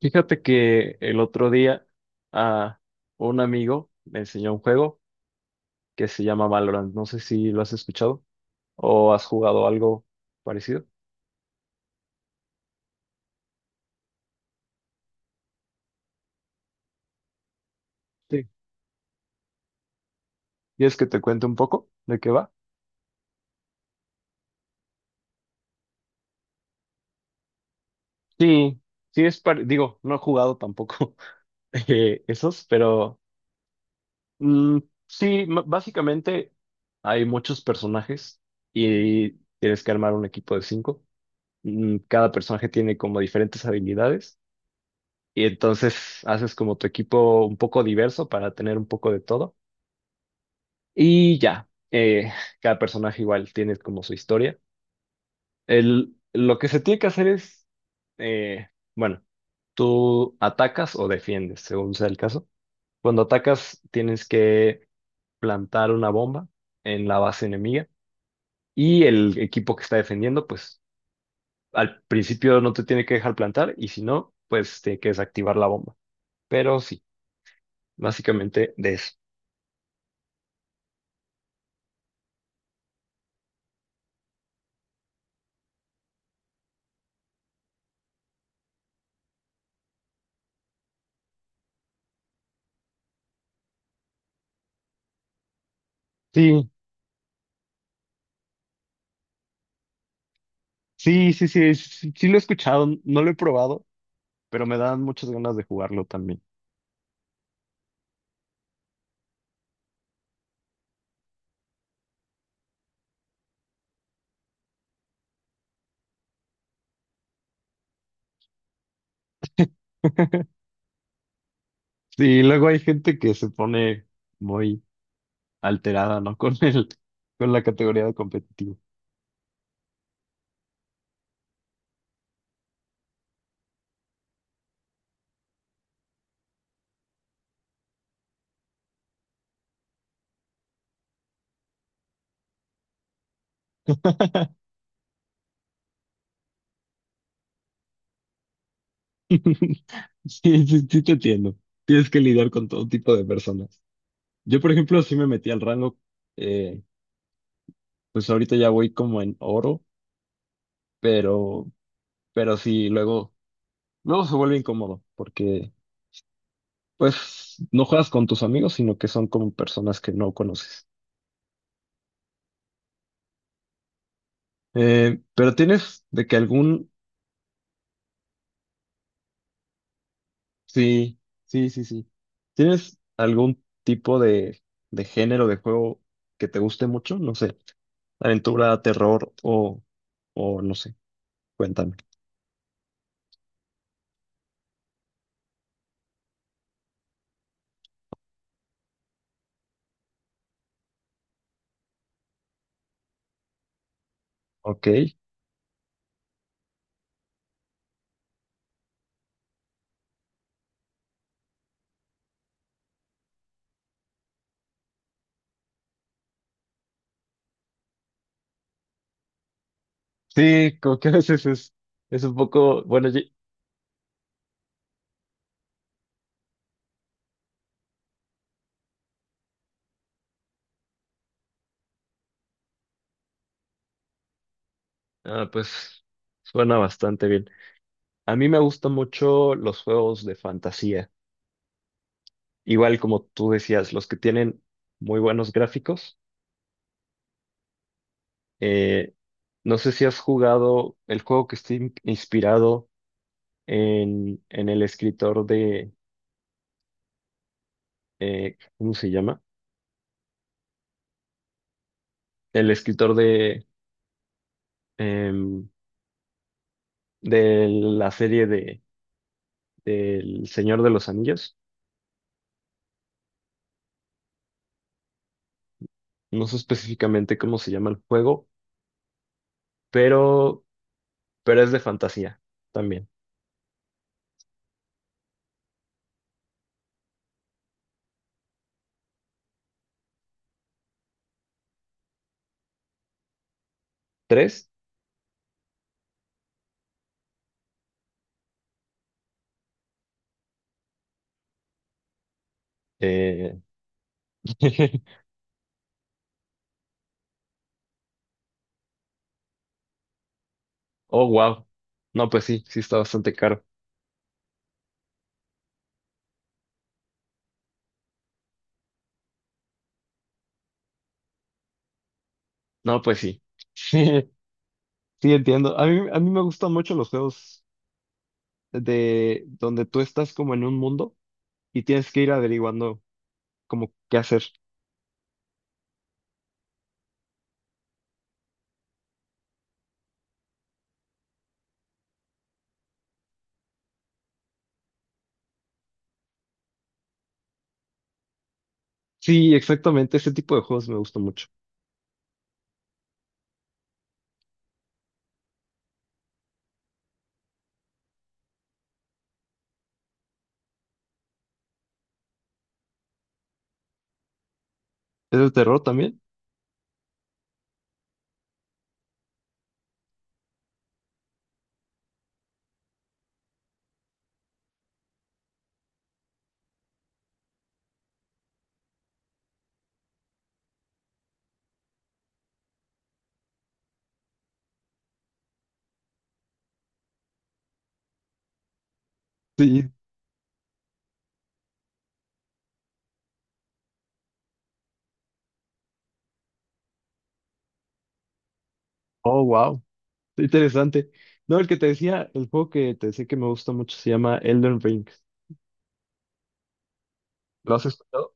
Fíjate que el otro día a un amigo me enseñó un juego que se llama Valorant. No sé si lo has escuchado o has jugado algo parecido. Sí. ¿Quieres que te cuente un poco de qué va? Sí, sí es digo, no he jugado tampoco. Esos, pero mm, sí, básicamente hay muchos personajes y tienes que armar un equipo de cinco. Cada personaje tiene como diferentes habilidades y entonces haces como tu equipo un poco diverso para tener un poco de todo. Y ya, cada personaje igual tiene como su historia. El, lo que se tiene que hacer es, eh, bueno, tú atacas o defiendes, según sea el caso. Cuando atacas, tienes que plantar una bomba en la base enemiga, y el equipo que está defendiendo, pues al principio no te tiene que dejar plantar, y si no, pues tiene que desactivar la bomba. Pero sí, básicamente de eso. Sí, sí, sí, sí, sí, sí lo he escuchado, no lo he probado, pero me dan muchas ganas de jugarlo también. Sí, luego hay gente que se pone muy alterada, ¿no? Con el, con la categoría de competitivo. Sí, sí, sí te entiendo. Tienes que lidiar con todo tipo de personas. Yo, por ejemplo, sí me metí al rango, eh, pues ahorita ya voy como en oro, pero, pero sí, luego, luego se vuelve incómodo, porque pues no juegas con tus amigos, sino que son como personas que no conoces. Pero tienes de que algún, sí, sí, sí, sí. ¿Tienes algún tipo de género de juego que te guste mucho? No sé, aventura, terror o no sé, cuéntame. Ok. Sí, como que a veces es un poco, bueno, ah, pues suena bastante bien. A mí me gustan mucho los juegos de fantasía, igual como tú decías, los que tienen muy buenos gráficos. Eh, no sé si has jugado el juego que está inspirado en el escritor de, ¿cómo se llama? El escritor de, em, de la serie de, del Señor de los Anillos. No sé específicamente cómo se llama el juego, pero, pero es de fantasía también. ¿Tres? Eh, Oh, wow. No, pues sí, sí está bastante caro. No, pues sí. Sí, sí entiendo. A mí me gustan mucho los juegos de donde tú estás como en un mundo y tienes que ir averiguando como qué hacer. Sí, exactamente, ese tipo de juegos me gustó mucho. ¿Es de terror también? Sí. Oh, wow. Interesante. No, el que te decía, el juego que te decía que me gusta mucho se llama Elden Ring. ¿Lo has escuchado?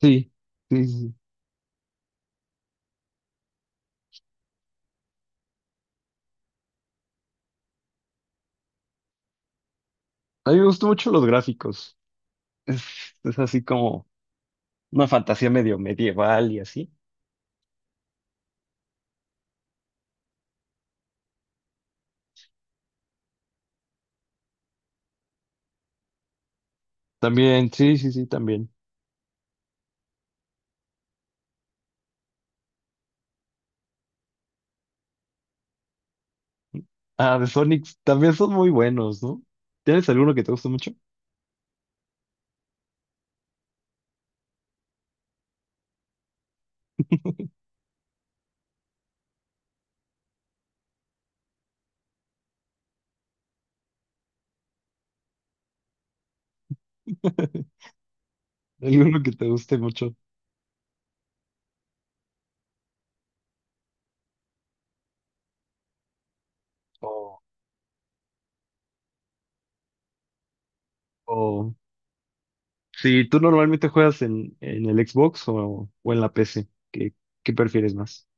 Sí, sí, sí, sí. A mí me gustan mucho los gráficos. Es, es así como una fantasía medio medieval y así. También, sí, sí, sí, también. Ah, de Sonic también son muy buenos, ¿no? ¿Tienes alguno que te guste mucho? ¿Alguno que te guste mucho? O, o si tú normalmente juegas en el Xbox o en la PC, ¿qué, qué prefieres más?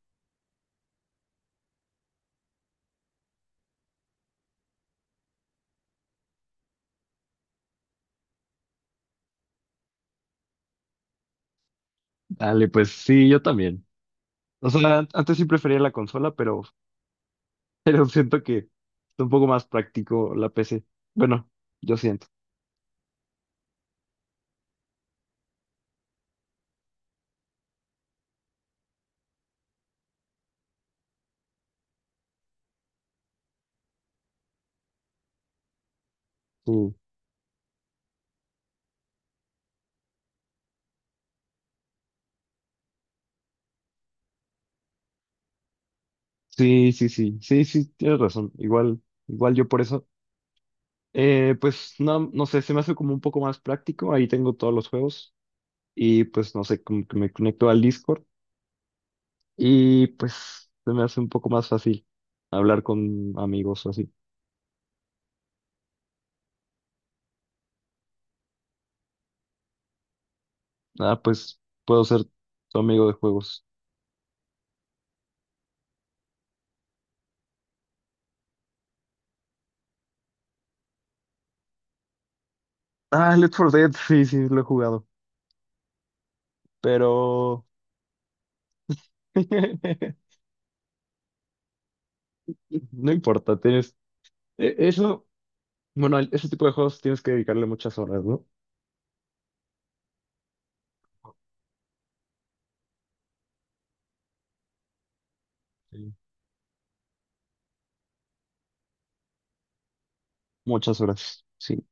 Dale, pues sí, yo también. O sea, antes sí prefería la consola, pero, pero siento que es un poco más práctico la PC. Bueno, yo siento. Sí, sí, sí, sí, sí, sí, tienes razón. Igual, igual yo por eso. Pues no, no sé, se me hace como un poco más práctico. Ahí tengo todos los juegos y pues no sé, como que me conecto al Discord. Y pues se me hace un poco más fácil hablar con amigos o así. Ah, pues puedo ser tu amigo de juegos. Ah, Left 4 Dead, sí, sí, lo he jugado. Pero no importa, tienes. Eso, bueno, ese tipo de juegos tienes que dedicarle muchas horas, ¿no? Sí. Muchas horas, sí.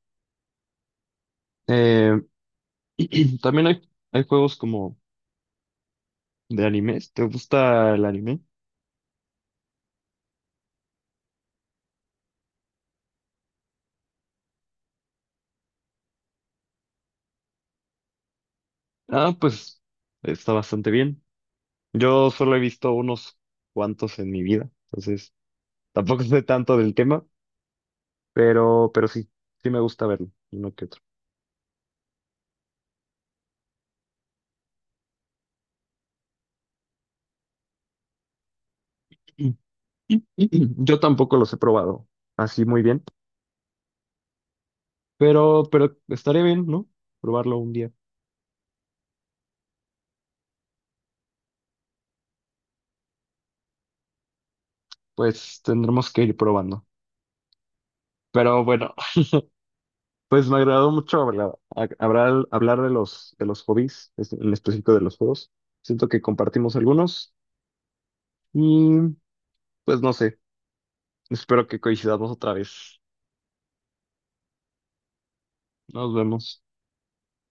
Eh, también hay juegos como de animes. ¿Te gusta el anime? Ah, pues está bastante bien. Yo solo he visto unos cuantos en mi vida, entonces tampoco sé tanto del tema, pero sí, sí me gusta verlo, uno que otro. Y- y- Yo tampoco los he probado así muy bien, pero estaré bien, ¿no? Probarlo un día. Pues tendremos que ir probando. Pero bueno, pues me agradó mucho hablar, hablar de los hobbies, en específico de los juegos. Siento que compartimos algunos y pues no sé, espero que coincidamos otra vez. Nos vemos.